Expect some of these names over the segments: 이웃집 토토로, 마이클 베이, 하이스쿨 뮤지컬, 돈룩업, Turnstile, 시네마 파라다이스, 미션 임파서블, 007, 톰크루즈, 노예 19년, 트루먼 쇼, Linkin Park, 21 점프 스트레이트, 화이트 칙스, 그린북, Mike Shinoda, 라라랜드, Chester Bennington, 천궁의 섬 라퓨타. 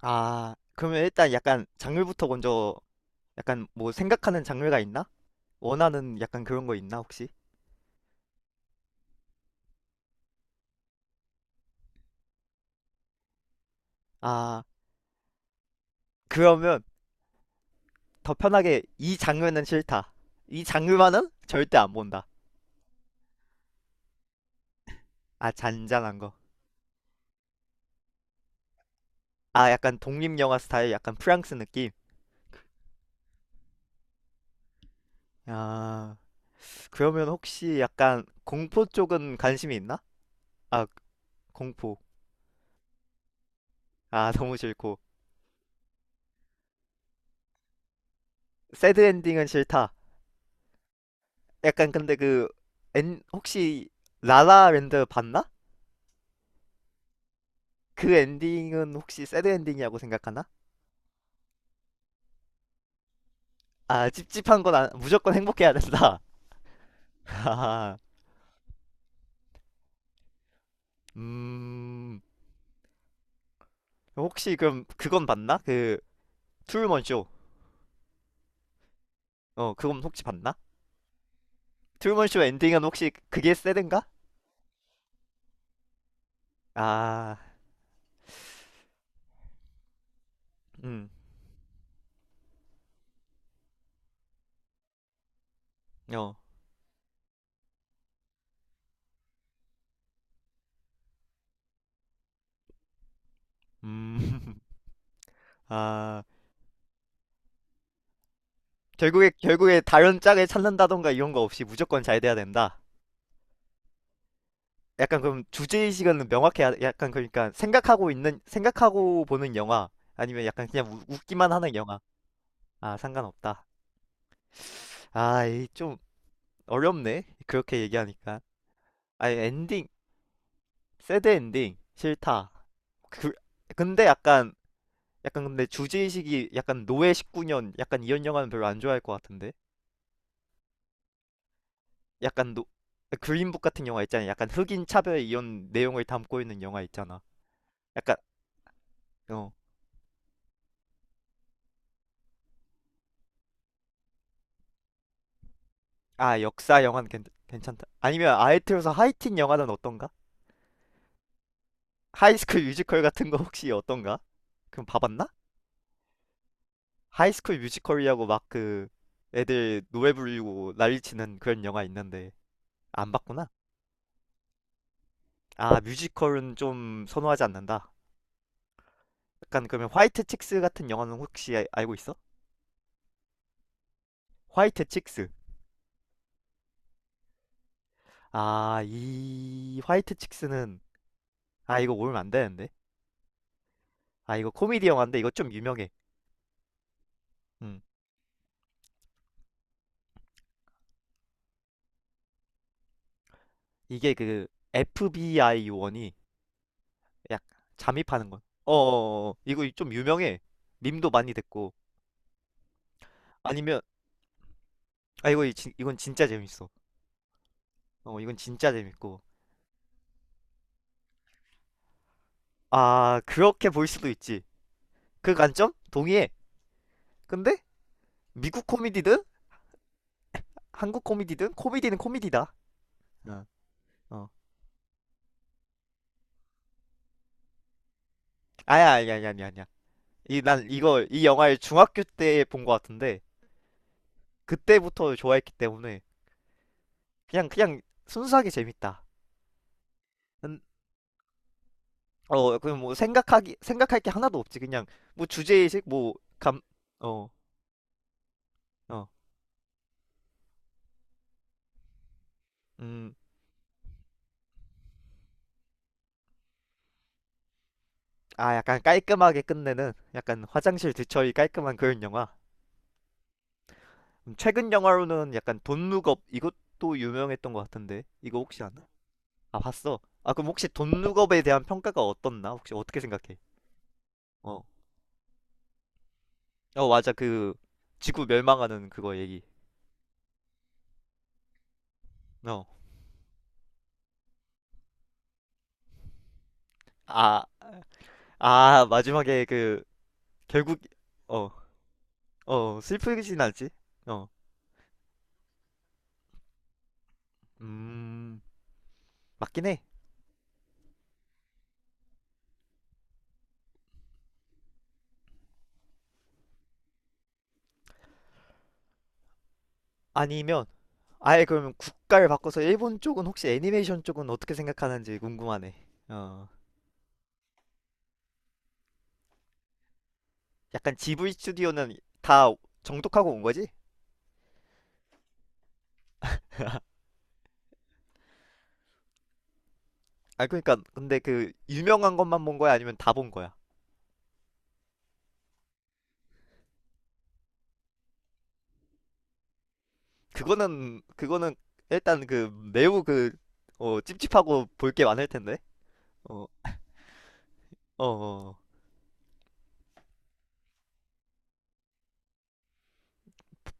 아, 그러면 일단 약간 장르부터 먼저 약간 뭐 생각하는 장르가 있나? 원하는 약간 그런 거 있나 혹시? 아, 그러면 더 편하게 이 장르는 싫다. 이 장르만은 절대 안 본다. 아, 잔잔한 거. 아, 약간 독립영화 스타일, 약간 프랑스 느낌. 아, 그러면 혹시 약간 공포 쪽은 관심이 있나? 아, 공포. 아, 너무 싫고. 새드 엔딩은 싫다. 약간 근데 그, 혹시 라라랜드 봤나? 그 엔딩은 혹시 새드 엔딩이라고 생각하나? 아, 찝찝한 건 무조건 행복해야 된다. 하하. 음, 혹시 그럼 그건 봤나? 그 트루먼 쇼. 어, 그건 혹시 봤나? 트루먼 쇼 엔딩은 혹시 그게 새든가? 아, 음, 어, 음, 아, 결국에 다른 짝을 찾는다던가 이런 거 없이 무조건 잘 돼야 된다. 약간 그럼 주제의식은 명확해야 약간 그러니까 생각하고 보는 영화 아니면 약간 그냥 웃기만 하는 영화. 아, 상관없다. 아, 이 좀 어렵네. 그렇게 얘기하니까. 아니, 엔딩, 새드 엔딩, 싫다. 그, 근데 약간, 약간 근데 주제의식이 약간 노예 19년, 약간 이런 영화는 별로 안 좋아할 것 같은데? 약간 노, 그린북 같은 영화 있잖아. 약간 흑인 차별 이런 내용을 담고 있는 영화 있잖아. 약간, 어, 아, 역사 영화는 괜찮다. 아니면 아예 틀어서 하이틴 영화는 어떤가? 하이스쿨 뮤지컬 같은 거 혹시 어떤가? 그럼 봐봤나? 하이스쿨 뮤지컬이라고 막 그 애들 노래 부르고 난리 치는 그런 영화 있는데 안 봤구나. 아, 뮤지컬은 좀 선호하지 않는다. 약간 그러면 화이트 칙스 같은 영화는 혹시 알고 있어? 화이트 칙스. 아, 이 화이트 칙스는 아, 이거 모르면 안 되는데. 아, 이거 코미디 영화인데 이거 좀 유명해. 음. 이게 그 FBI 요원이 약 잠입하는 건. 어, 어, 어. 어. 이거 좀 유명해. 밈도 많이 됐고. 아니면 아 이건 진짜 재밌어. 어, 이건 진짜 재밌고. 아, 그렇게 볼 수도 있지. 그 관점? 동의해. 근데 미국 코미디든 한국 코미디든 코미디는 코미디다. 어. 어. 아야, 아야, 아야, 아야, 아야. 난 이 영화를 중학교 때 본 것 같은데, 그때부터 좋아했기 때문에, 그냥, 그냥 순수하게 재밌다. 음, 어, 그냥 뭐 생각할 게 하나도 없지. 그냥, 뭐 주제의식, 뭐, 감, 어, 어, 음. 아, 약간 깔끔하게 끝내는, 약간 화장실 뒤처리 깔끔한 그런 영화. 최근 영화로는 약간 돈룩업 이것도 유명했던 것 같은데 이거 혹시 아나? 아 봤어. 아 그럼 혹시 돈룩업에 대한 평가가 어떻나? 혹시 어떻게 생각해? 어. 어 맞아 그 지구 멸망하는 그거 얘기. 어. 아, 아 마지막에 그 결국 어, 어 슬프진 않지? 어. 음 맞긴 해. 아니면 아예 그러면 국가를 바꿔서 일본 쪽은 혹시 애니메이션 쪽은 어떻게 생각하는지 궁금하네. 어. 약간 지브리 스튜디오는 다 정독하고 온 거지? 아 그러니까 근데 그 유명한 것만 본 거야? 아니면 다 본 거야? 그거는 일단 그 매우 그 어, 찝찝하고 볼게 많을 텐데. 어, 어, 어. 어.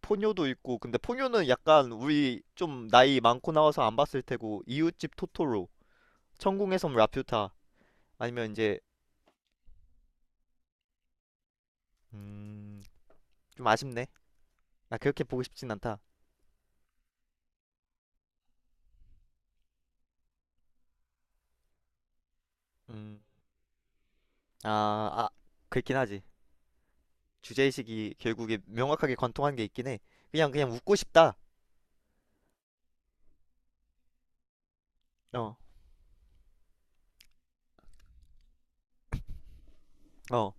포뇨도 있고 근데 포뇨는 약간 우리 좀 나이 많고 나와서 안 봤을 테고 이웃집 토토로, 천궁의 섬 라퓨타 아니면 이제 음, 좀 아쉽네. 나 그렇게 보고 싶진 않다. 음. 아, 아, 그렇긴 하지. 주제의식이 결국에 명확하게 관통한 게 있긴 해. 그냥 웃고 싶다. 어. 어.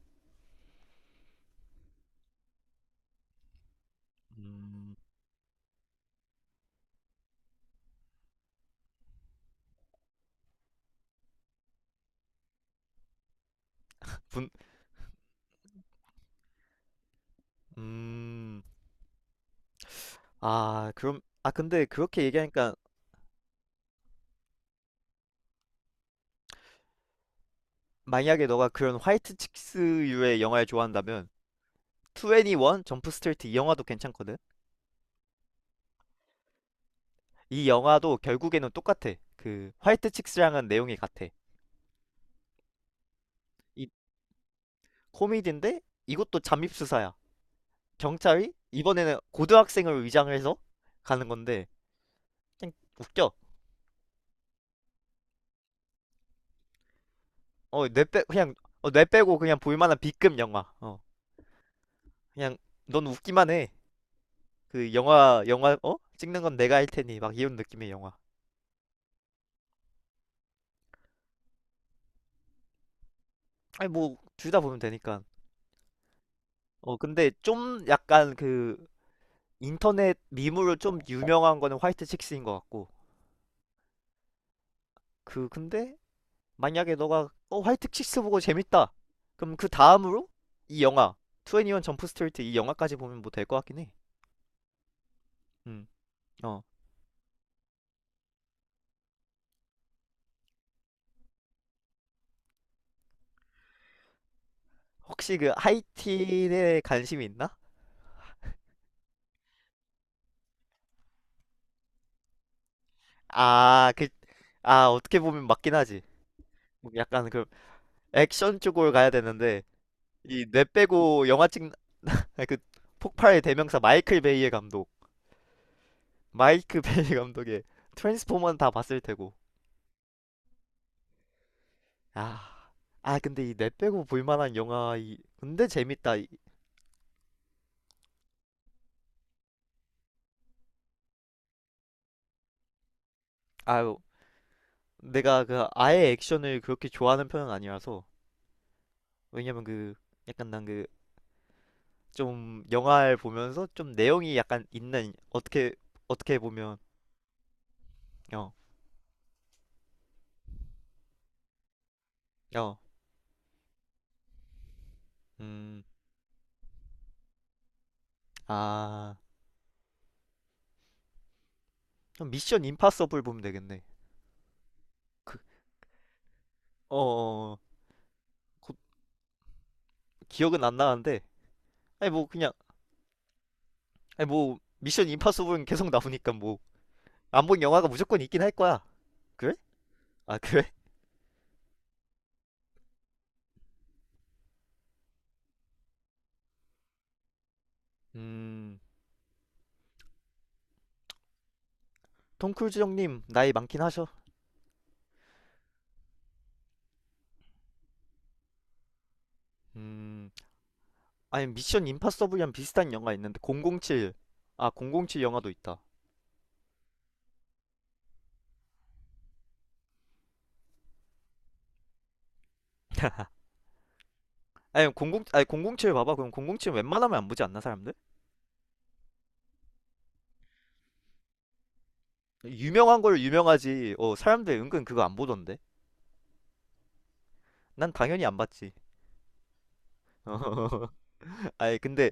음, 분, 음, 아, 그럼, 아, 근데 그렇게 얘기하니까, 만약에 너가 그런 화이트 칙스류의 영화를 좋아한다면, 21 점프 스트레이트 이 영화도 괜찮거든? 이 영화도 결국에는 똑같아. 그, 화이트 칙스랑은 내용이 같아. 이, 코미디인데, 이것도 잠입수사야. 경찰이, 이번에는 고등학생을 위장을 해서 가는 건데, 그냥 웃겨. 어, 어, 뇌 빼고 그냥 볼만한 B급 영화. 어, 그냥, 넌 웃기만 해. 그 영화 어? 찍는 건 내가 할 테니 막 이런 느낌의 영화. 아니 뭐 둘 다 보면 되니까. 어 근데 좀 약간 그 인터넷 밈으로 좀 유명한 거는 화이트 칙스인 것 같고. 그 근데 만약에 너가 어 화이트 칙스 보고 재밌다. 그럼 그 다음으로 이 영화 21 점프 스트리트 이 영화까지 보면 뭐 될 것 같긴 해. 음. 어. 혹시 그 하이틴에 관심이 있나? 아, 그 아 어떻게 보면 맞긴 하지. 뭐 약간 그 액션 쪽으로 가야 되는데 이 뇌 빼고 영화 찍는 아니, 그 폭발의 대명사 마이클 베이 감독의 트랜스포머는 다 봤을 테고 아, 아 근데 이 뇌 빼고 볼 만한 영화 이 근데 재밌다 아유 내가 그 아예 액션을 그렇게 좋아하는 편은 아니라서 왜냐면 그 약간 난 그 좀 영화를 보면서 좀 내용이 약간 있는 어떻게 어떻게 보면 어 어 아 미션 임파서블 보면 되겠네 그 어어 기억은 안 나는데 아니 뭐 그냥 아니 뭐 미션 임파서블은 계속 나오니까 뭐 안본 영화가 무조건 있긴 할 거야. 그래? 아 그래? 음 톰크루즈 형님 나이 많긴 하셔. 음 아니 미션 임파서블이랑 비슷한 영화 있는데 007. 아 007 영화도 있다. 아니 00 아니 007 봐봐. 그럼 007 웬만하면 안 보지 않나 사람들? 유명한 걸 유명하지. 어 사람들 은근 그거 안 보던데. 난 당연히 안 봤지. 아니 근데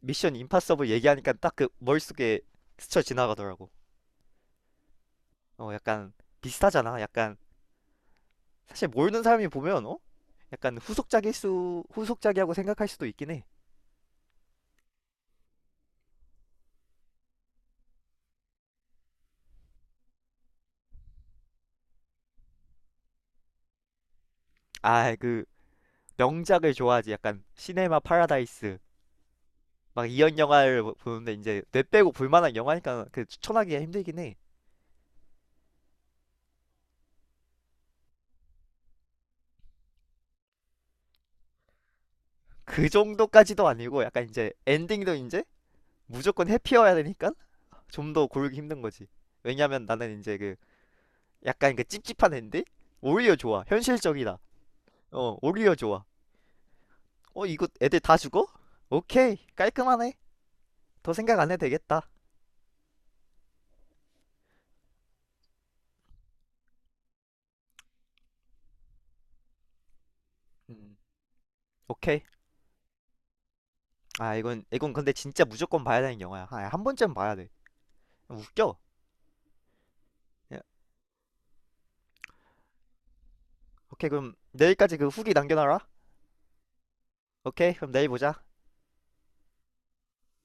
미션 임파서블 얘기하니까 딱 그 머릿속에 스쳐 지나가더라고. 어 약간 비슷하잖아. 약간 사실 모르는 사람이 보면 어? 약간 후속작일 수 후속작이라고 생각할 수도 있긴 해. 아 그 명작을 좋아하지. 약간 시네마 파라다이스 막 이런 영화를 보는데 이제 뇌 빼고 볼 만한 영화니까 그 추천하기가 힘들긴 해. 그 정도까지도 아니고 약간 이제 엔딩도 이제 무조건 해피여야 되니까 좀 더 고르기 힘든 거지. 왜냐면 나는 이제 그 약간 그 찝찝한 앤데 오히려 좋아 현실적이다 어 오히려 좋아 어 이거 애들 다 죽어? 오케이 깔끔하네 더 생각 안 해도 되겠다 음. 오케이 아 이건 근데 진짜 무조건 봐야 되는 영화야 아, 한 번쯤 봐야 돼 웃겨 야, 오케이 그럼 내일까지 그 후기 남겨놔라 오케이 그럼 내일 보자